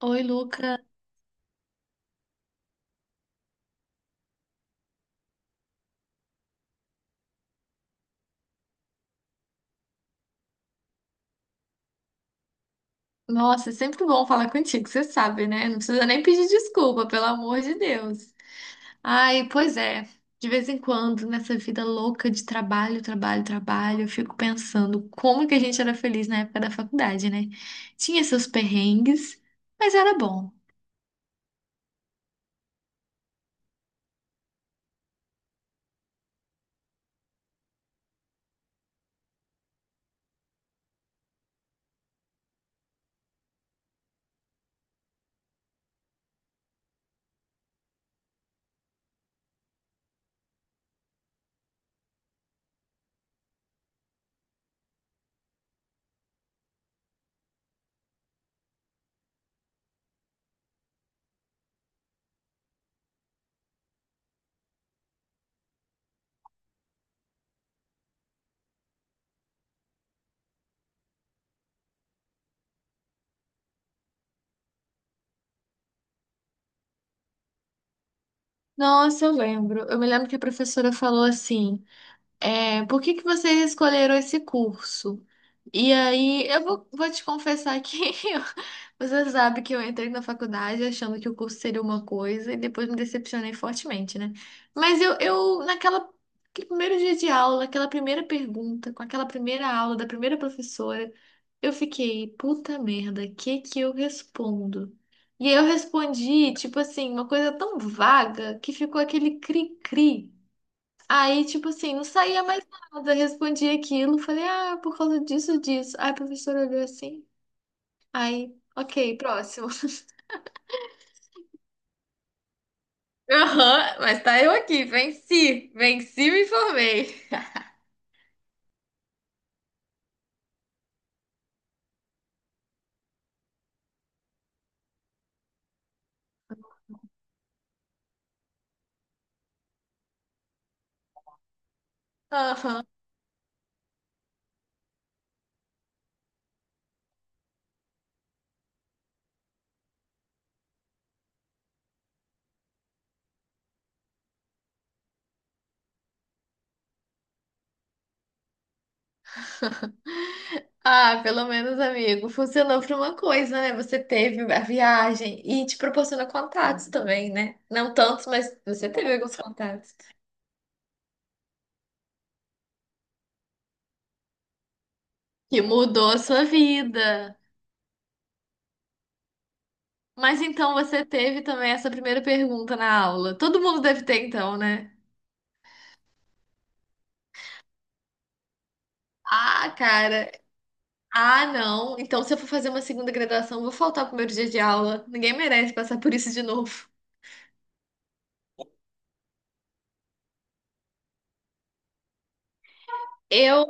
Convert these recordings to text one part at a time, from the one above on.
Oi, Luca. Nossa, é sempre bom falar contigo, você sabe, né? Não precisa nem pedir desculpa, pelo amor de Deus. Ai, pois é. De vez em quando, nessa vida louca de trabalho, trabalho, trabalho, eu fico pensando como que a gente era feliz na época da faculdade, né? Tinha seus perrengues, mas era bom. Nossa, eu lembro. Eu me lembro que a professora falou assim. É, por que que vocês escolheram esse curso? E aí, eu vou te confessar que eu- você sabe que eu entrei na faculdade achando que o curso seria uma coisa e depois me decepcionei fortemente, né? Mas eu naquela, aquele primeiro dia de aula, aquela primeira pergunta, com aquela primeira aula da primeira professora, eu fiquei, puta merda, que eu respondo? E aí eu respondi, tipo assim, uma coisa tão vaga que ficou aquele cri-cri. Aí, tipo assim, não saía mais nada. Eu respondi aquilo, falei, ah, por causa disso, disso. Aí a professora olhou assim. Aí, ok, próximo. Aham, mas tá eu aqui, venci, venci, e me formei. Aham. Ah, pelo menos, amigo, funcionou pra uma coisa, né? Você teve a viagem e te proporciona contatos também, né? Não tantos, mas você teve alguns contatos. Que mudou a sua vida. Mas então você teve também essa primeira pergunta na aula. Todo mundo deve ter, então, né? Ah, cara. Ah, não. Então, se eu for fazer uma segunda graduação, eu vou faltar pro meu dia de aula. Ninguém merece passar por isso de novo. Eu.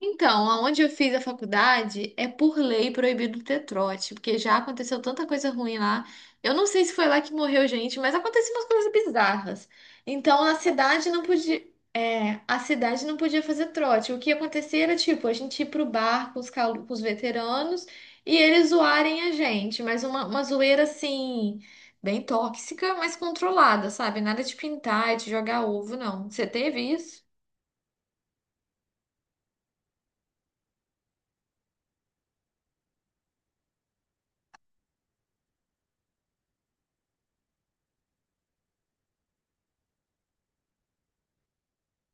Então, aonde eu fiz a faculdade é por lei proibido ter trote, porque já aconteceu tanta coisa ruim lá. Eu não sei se foi lá que morreu gente, mas aconteciam umas coisas bizarras. Então a cidade não podia, é, a cidade não podia fazer trote. O que acontecia era tipo a gente ir pro bar com os, calu- com os veteranos e eles zoarem a gente, mas uma zoeira assim bem tóxica, mas controlada, sabe? Nada de pintar e de jogar ovo, não. Você teve isso?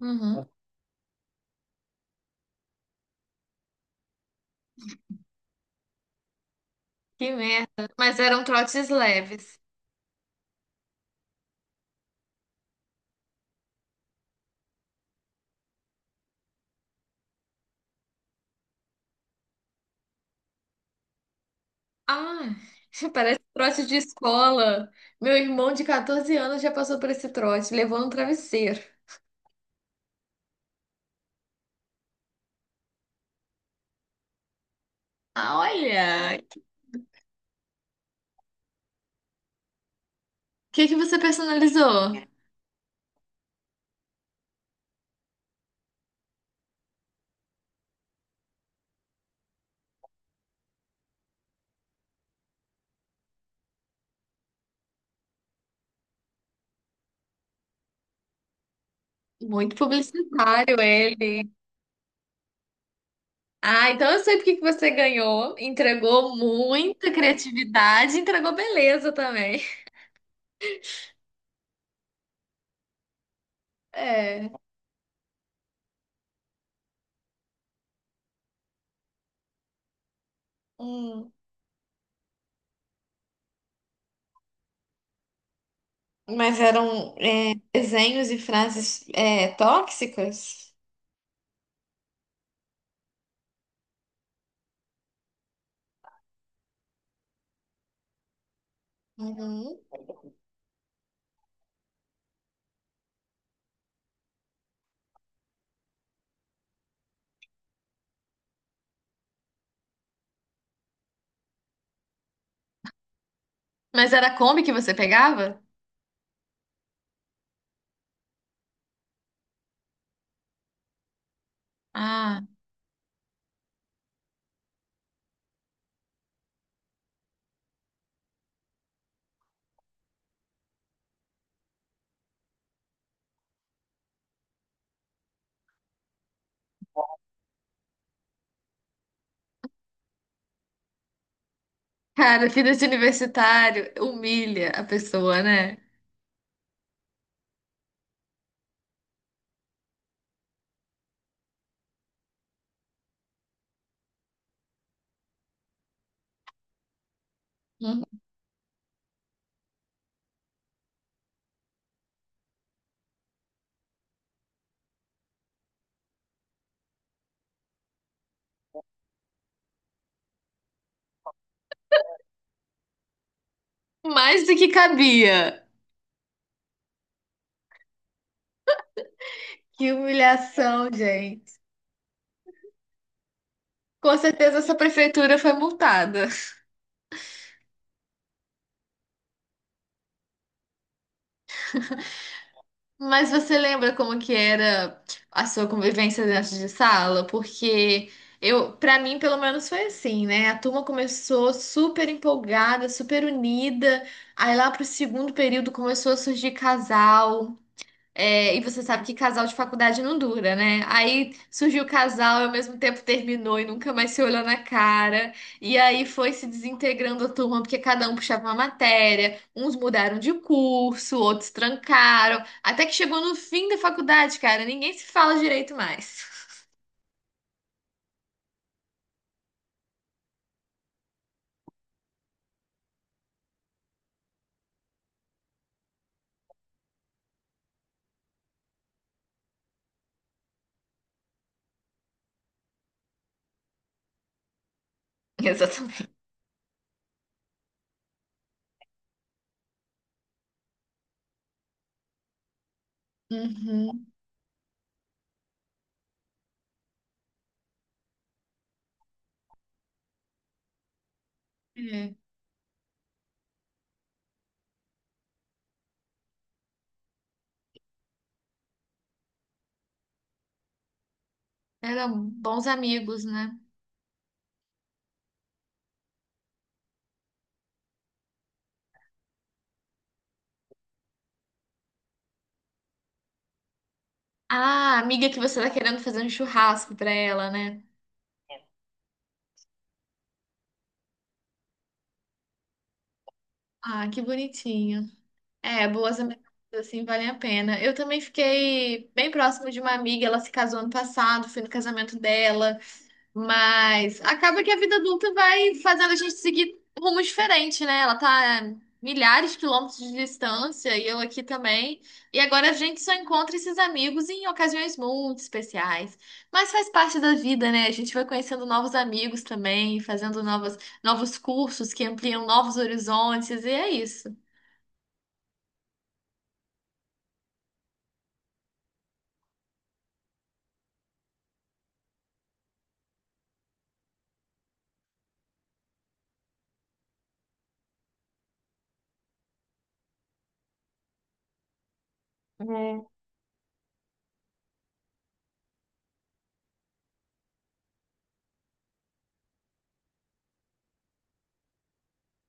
Uhum. Que merda. Mas eram trotes leves. Ah, parece trote de escola. Meu irmão de 14 anos já passou por esse trote, levou no travesseiro. Ah, olha. O que que você personalizou? Muito publicitário ele. Ah, então eu sei porque que você ganhou. Entregou muita criatividade, entregou beleza também. É. Hum. Mas eram é, desenhos e frases é, tóxicas? Uhum. Mas era a Kombi que você pegava? Ah, cara, vida de universitário humilha a pessoa, né? Uhum. Mais do que cabia. Que humilhação, gente. Com certeza essa prefeitura foi multada. Mas você lembra como que era a sua convivência dentro de sala? Porque eu, para mim, pelo menos foi assim, né? A turma começou super empolgada, super unida. Aí lá pro segundo período começou a surgir casal. É, e você sabe que casal de faculdade não dura, né? Aí surgiu o casal e ao mesmo tempo terminou e nunca mais se olhou na cara. E aí foi se desintegrando a turma, porque cada um puxava uma matéria, uns mudaram de curso, outros trancaram. Até que chegou no fim da faculdade, cara, ninguém se fala direito mais. Exatamente. Uhum. É. Eram bons amigos, né? Ah, a amiga que você tá querendo fazer um churrasco pra ela, né? Ah, que bonitinho. É, boas amizades assim valem a pena. Eu também fiquei bem próxima de uma amiga, ela se casou ano passado, fui no casamento dela, mas acaba que a vida adulta vai fazendo a gente seguir rumo diferente, né? Ela tá a milhares de quilômetros de distância e eu aqui também. E agora a gente só encontra esses amigos em ocasiões muito especiais. Mas faz parte da vida, né? A gente vai conhecendo novos amigos também, fazendo novos cursos que ampliam novos horizontes, e é isso.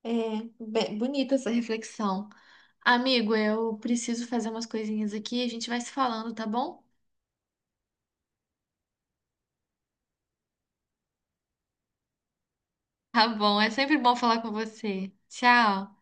É, be- bonita essa reflexão. Amigo, eu preciso fazer umas coisinhas aqui, a gente vai se falando, tá bom? Tá bom, é sempre bom falar com você. Tchau.